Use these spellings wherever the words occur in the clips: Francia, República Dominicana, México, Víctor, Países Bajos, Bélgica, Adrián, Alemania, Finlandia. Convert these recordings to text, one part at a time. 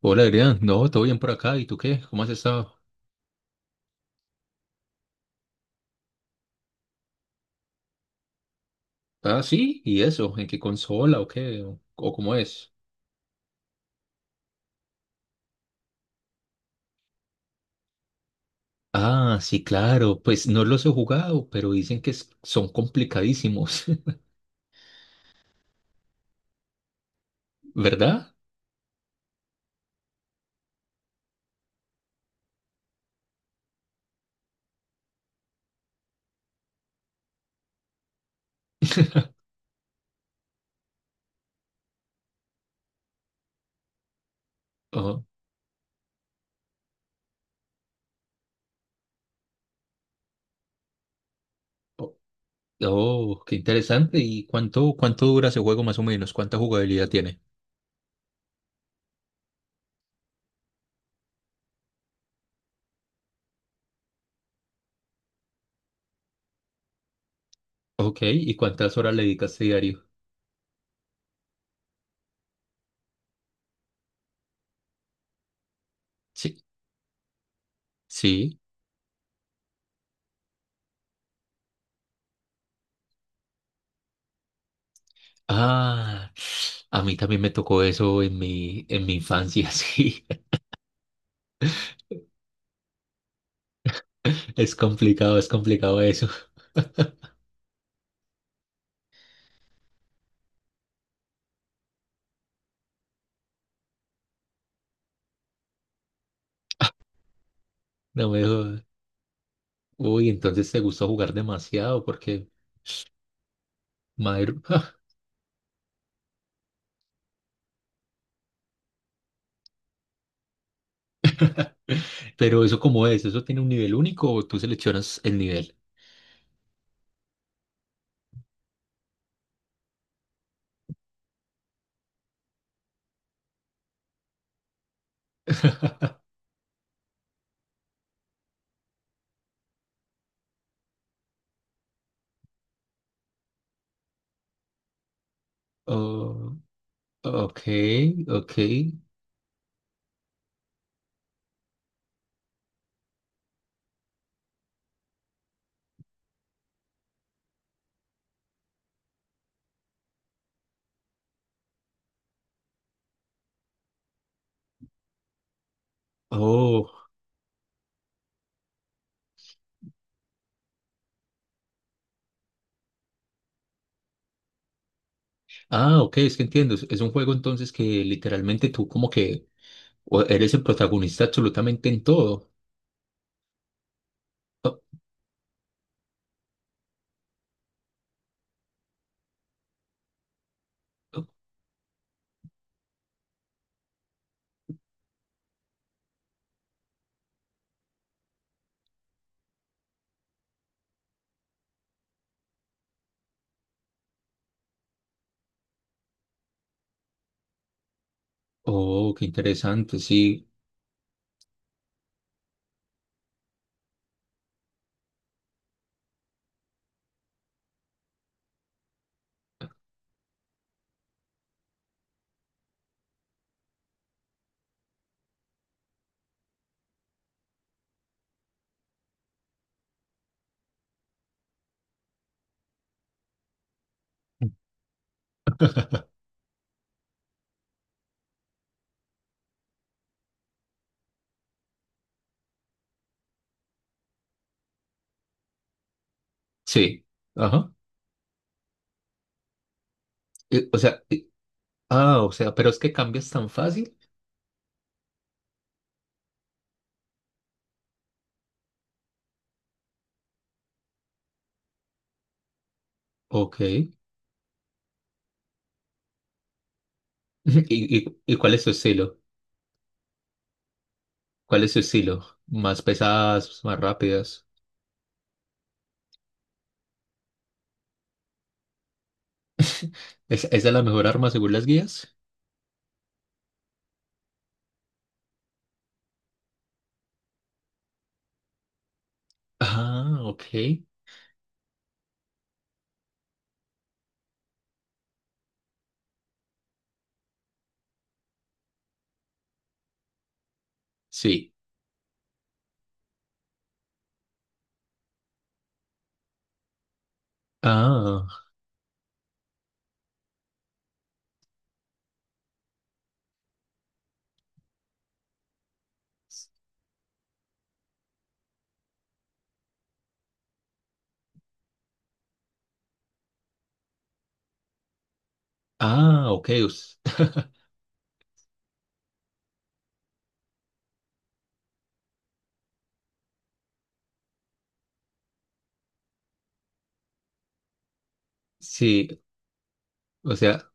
Hola, Adrián. No, todo bien por acá. ¿Y tú qué? ¿Cómo has estado? Ah, sí. ¿Y eso? ¿En qué consola o qué? ¿O cómo es? Ah, sí, claro. Pues no los he jugado, pero dicen que son complicadísimos, ¿verdad? Oh, oh, oh, qué interesante. ¿Y cuánto dura ese juego más o menos? ¿Cuánta jugabilidad tiene? Ok, ¿y cuántas horas le dedicas diario? Sí, sí. Ah, a mí también me tocó eso en mi infancia, sí. Es complicado eso. No me jodas. Uy, entonces te gusta jugar demasiado porque, madre, pero eso cómo es, ¿eso tiene un nivel único o tú seleccionas el nivel? Oh, ok, ok. Oh, ah, ok, es que entiendo. Es un juego entonces que literalmente tú como que eres el protagonista absolutamente en todo. Oh, oh, oh, qué interesante, sí. Sí, ajá. Eh, O sea, eh, o sea, pero es que cambias tan fácil. Ok. Y cuál es tu estilo? ¿Cuál es su estilo? ¿Más pesadas, más rápidas? Esa es la mejor arma según las guías? Ah, ok. Sí. Ah, ah, ok. Sí, o sea,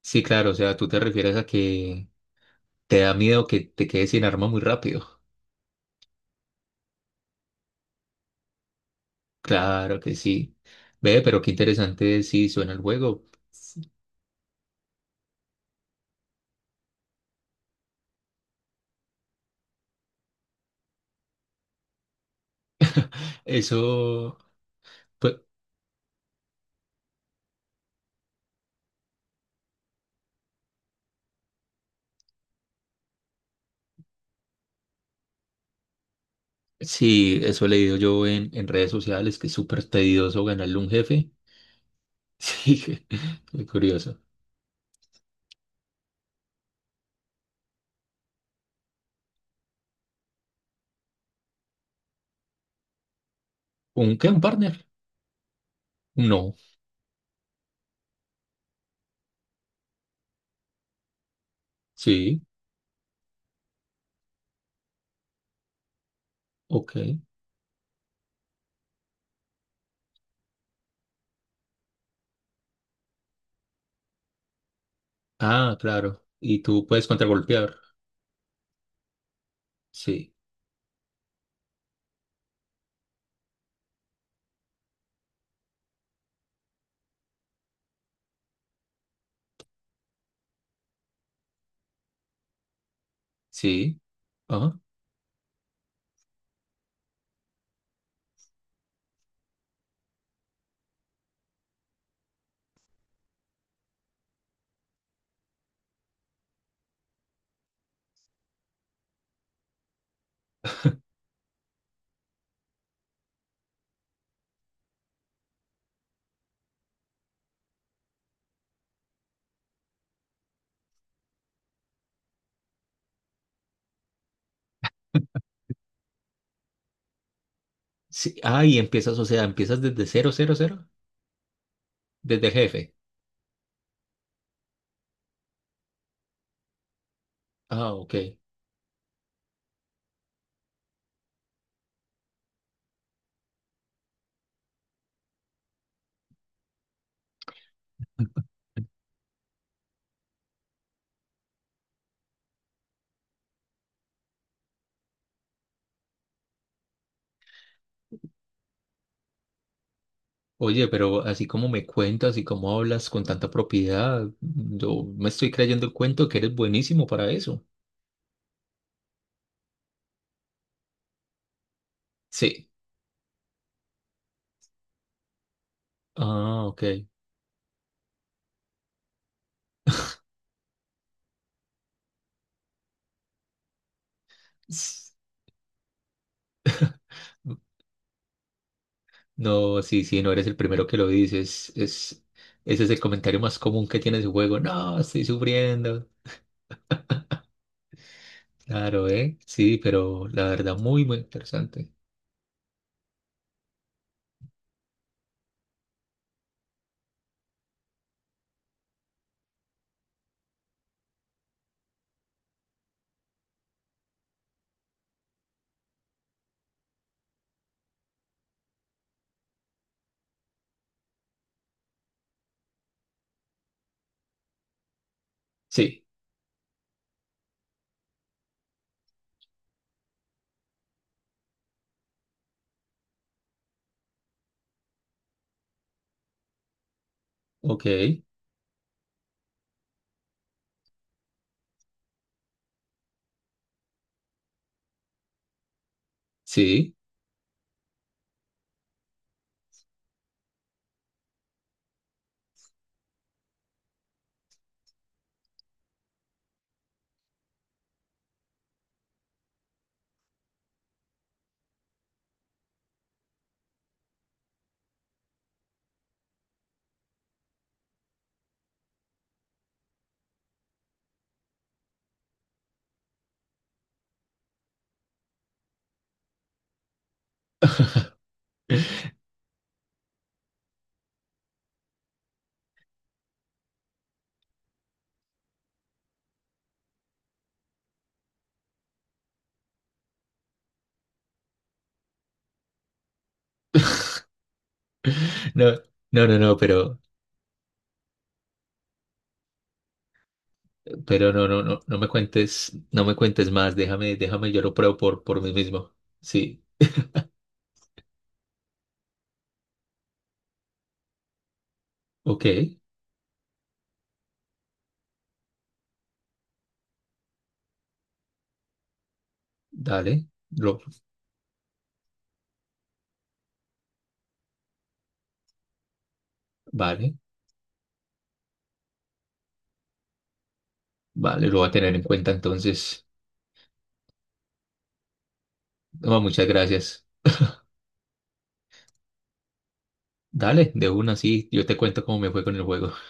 sí, claro, o sea, tú te refieres a que te da miedo que te quedes sin arma muy rápido. Claro que sí. Ve, pero qué interesante sí suena el juego. Eso, pues, sí, eso he leído yo en redes sociales, que es súper tedioso ganarle a un jefe. Sí, muy curioso. ¿Un qué? ¿Un partner? No. Sí. Ok. Ah, claro. Y tú puedes contragolpear. Sí. Sí. Ah, sí. Ah, y empiezas, o sea, empiezas desde cero, cero, cero. Desde jefe. Ah, ok. Oye, pero así como me cuentas y como hablas con tanta propiedad, yo me estoy creyendo el cuento que eres buenísimo para eso. Sí. Ah, ok. S- No, sí, sí, no eres el primero que lo dices. Ese es el comentario más común que tiene su juego. No, estoy sufriendo. Claro, ¿eh? Sí, pero la verdad, muy, muy interesante. Sí, ok, sí. No, no, no, no, pero, pero no, no me cuentes, no me cuentes más. Déjame, déjame, yo lo pruebo por mí mismo. Sí, ok, dale, lo, vale, vale, lo voy a tener en cuenta entonces. No, muchas gracias. Dale, de una, sí. Yo te cuento cómo me fue con el juego.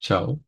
Chao.